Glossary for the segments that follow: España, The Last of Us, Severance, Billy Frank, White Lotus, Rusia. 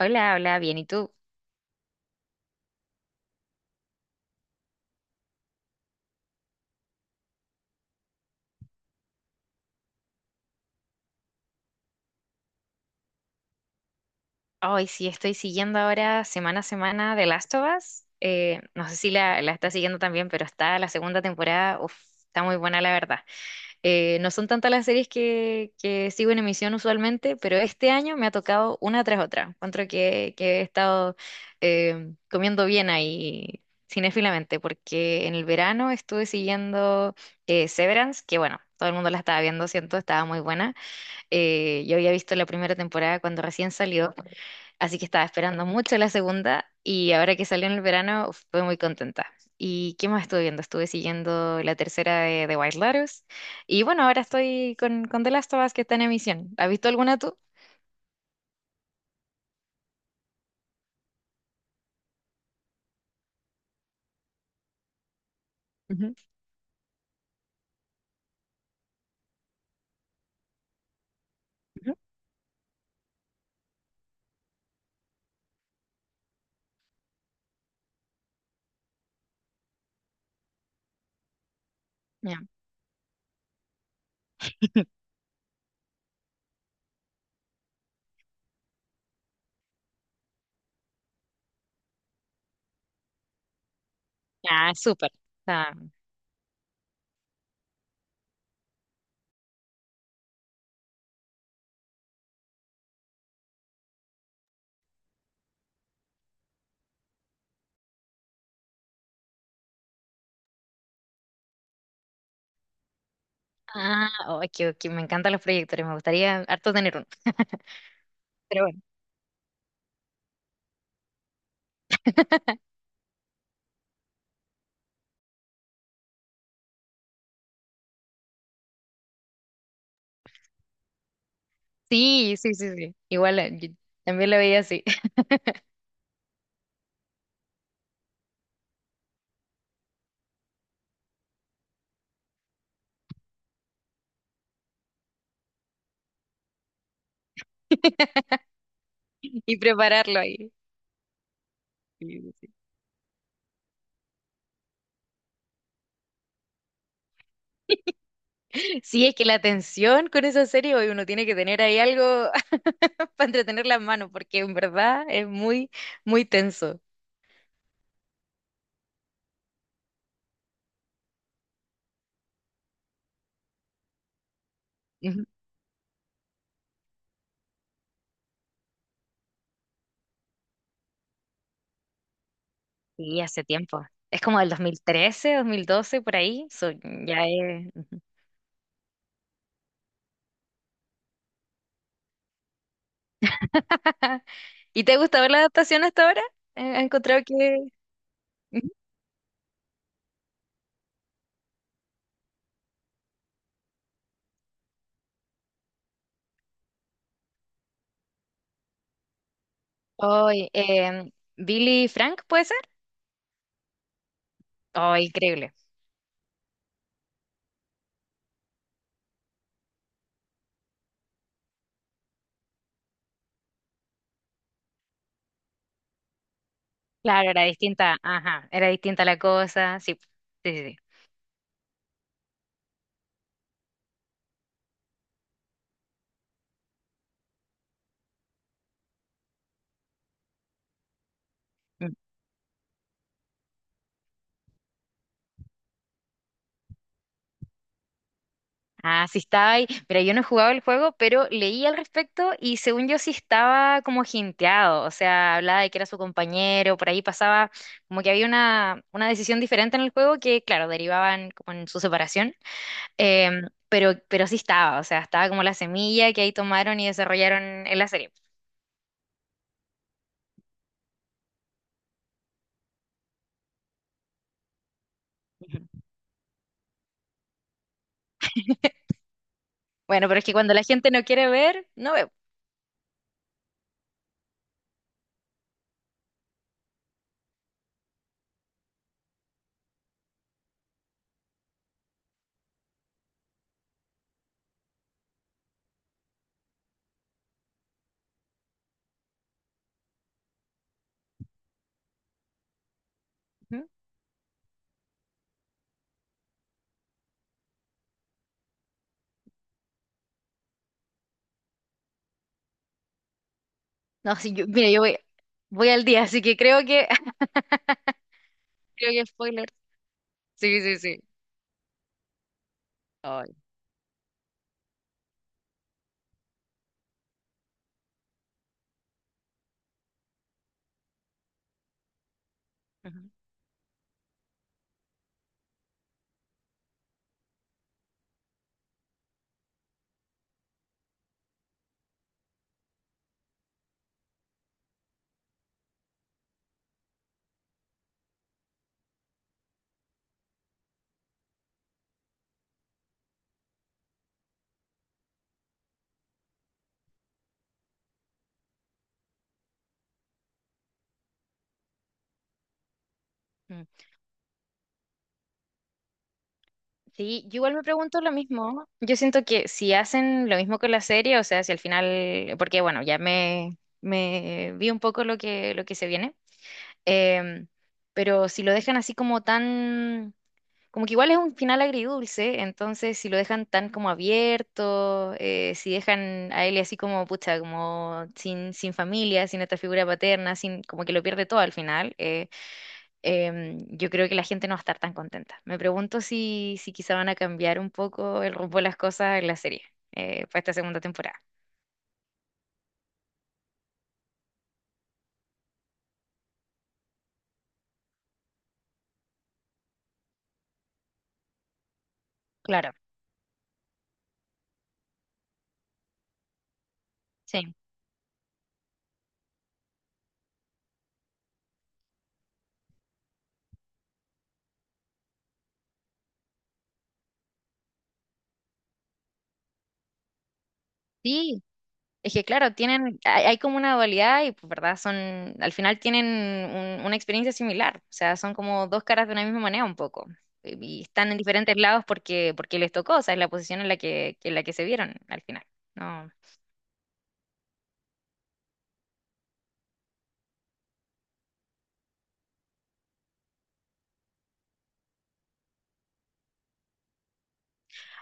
Hola, hola, bien, ¿y tú? Hoy sí estoy siguiendo ahora semana a semana The Last of Us. No sé si la estás siguiendo también, pero está la segunda temporada, uf, está muy buena la verdad. No son tantas las series que sigo en emisión usualmente, pero este año me ha tocado una tras otra. Encuentro que he estado comiendo bien ahí cinéfilamente, porque en el verano estuve siguiendo Severance, que bueno, todo el mundo la estaba viendo, siento, estaba muy buena. Yo había visto la primera temporada cuando recién salió, así que estaba esperando mucho la segunda y ahora que salió en el verano fue muy contenta. ¿Y qué más estuve viendo? Estuve siguiendo la tercera de White Lotus y bueno, ahora estoy con The Last of Us que está en emisión. ¿Has visto alguna tú? Ujú, ujú. Ya. Ah, súper. Ah, ah, oh, que me encantan los proyectores, me gustaría harto tener uno. Pero bueno. Sí, sí, sí, sí. Igual yo también lo veía así. Y prepararlo ahí. Sí, sí, sí. Sí, es que la tensión con esa serie, hoy uno tiene que tener ahí algo para entretener las manos, porque en verdad es muy, muy tenso. Ujú. Sí, hace tiempo. Es como del 2013, 2012, por ahí. So, ya es… ujú. ¿Y te gusta ver la adaptación hasta ahora? ¿Has encontrado que… Ujú. Hoy, Billy Frank, ¿puede ser? Oh, increíble. Claro, era distinta, ajá, era distinta la cosa, sí, sí, sí. Sí. Ah, sí estaba ahí. Pero yo no he jugado el juego, pero leí al respecto y según yo sí estaba como jinteado. O sea, hablaba de que era su compañero, por ahí pasaba como que había una decisión diferente en el juego que, claro, derivaban como en su separación. Pero sí estaba, o sea, estaba como la semilla que ahí tomaron y desarrollaron en la serie. Ujú. Bueno, pero es que cuando la gente no quiere ver, no veo. Ujú. No, sí, yo, mira, voy al día, así que creo que, creo que spoiler. Sí, sí, sí. Ay. Ujú. Sí, yo igual me pregunto lo mismo. Yo siento que si hacen lo mismo con la serie, o sea, si al final, porque bueno, me vi un poco lo lo que se viene, em, pero si lo dejan así como tan, como que igual es un final agridulce, entonces si lo dejan tan como abierto, si dejan a él así como, pucha, como sin, sin familia, sin esta figura paterna, sin, como que lo pierde todo al final. Yo creo que la gente no va a estar tan contenta. Me pregunto si, si quizá van a cambiar un poco el rumbo de las cosas en la serie para esta segunda temporada. Claro, sí. Sí, es que claro, tienen, hay como una dualidad y pues, verdad, son, al final tienen una experiencia similar, o sea, son como dos caras de una misma moneda un poco. Y están en diferentes lados porque, porque les tocó, o sea, es la posición en la que se vieron al final. No.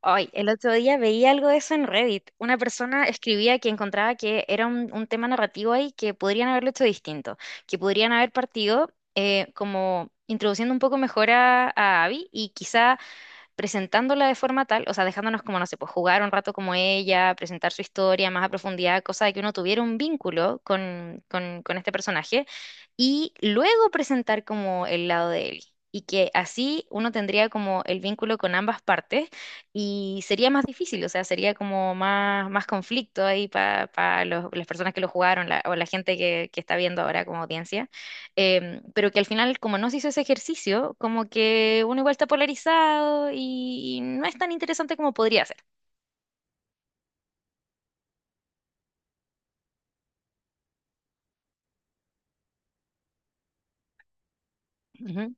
Ay, el otro día veía algo de eso en Reddit. Una persona escribía que encontraba que era un tema narrativo ahí que podrían haberlo hecho distinto, que podrían haber partido como introduciendo un poco mejor a Abby y quizá presentándola de forma tal, o sea, dejándonos como, no sé, pues jugar un rato como ella, presentar su historia más a profundidad, cosa de que uno tuviera un vínculo con este personaje, y luego presentar como el lado de él. Y que así uno tendría como el vínculo con ambas partes y sería más difícil, o sea, sería como más, más conflicto ahí para las personas que lo jugaron o la gente que está viendo ahora como audiencia. Pero que al final, como no se hizo ese ejercicio, como que uno igual está polarizado y no es tan interesante como podría ser. Ujú.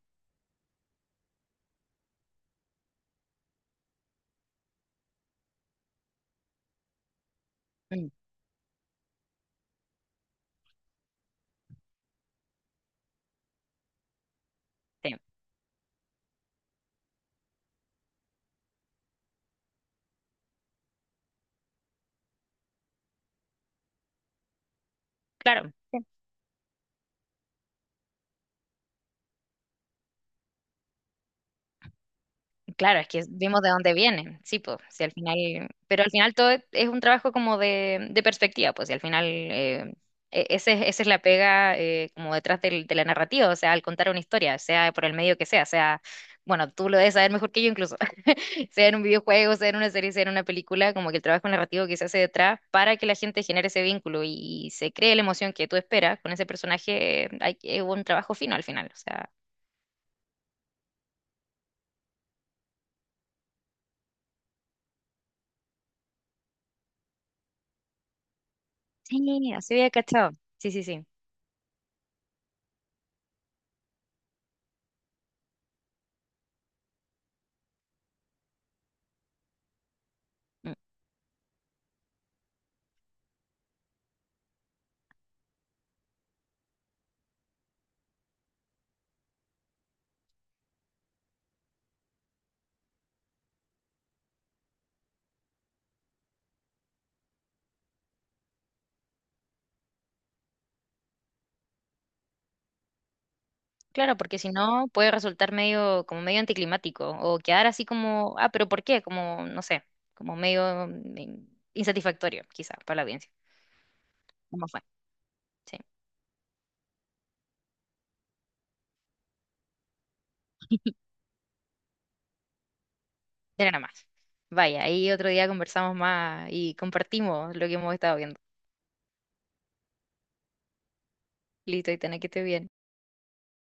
Mm. Sí, claro. Claro, es que vimos de dónde vienen, sí, pues, si al final, pero al final todo es un trabajo como de perspectiva, pues, y al final esa es la pega como de la narrativa, o sea, al contar una historia, sea por el medio que sea, sea, bueno, tú lo debes saber mejor que yo incluso, sea en un videojuego, sea en una serie, sea en una película, como que el trabajo narrativo que se hace detrás para que la gente genere ese vínculo y, se cree la emoción que tú esperas con ese personaje, es un trabajo fino al final, o sea, sí, así había cachado, sí, sí, sí. Claro, porque si no puede resultar medio, como medio anticlimático, o quedar así como, ah, pero ¿por qué? Como, no sé, como medio insatisfactorio, quizá, para la audiencia. ¿Cómo fue? Sí, era nada más. Vaya, ahí otro día conversamos más y compartimos lo que hemos estado viendo. Listo, y tenés que estar bien.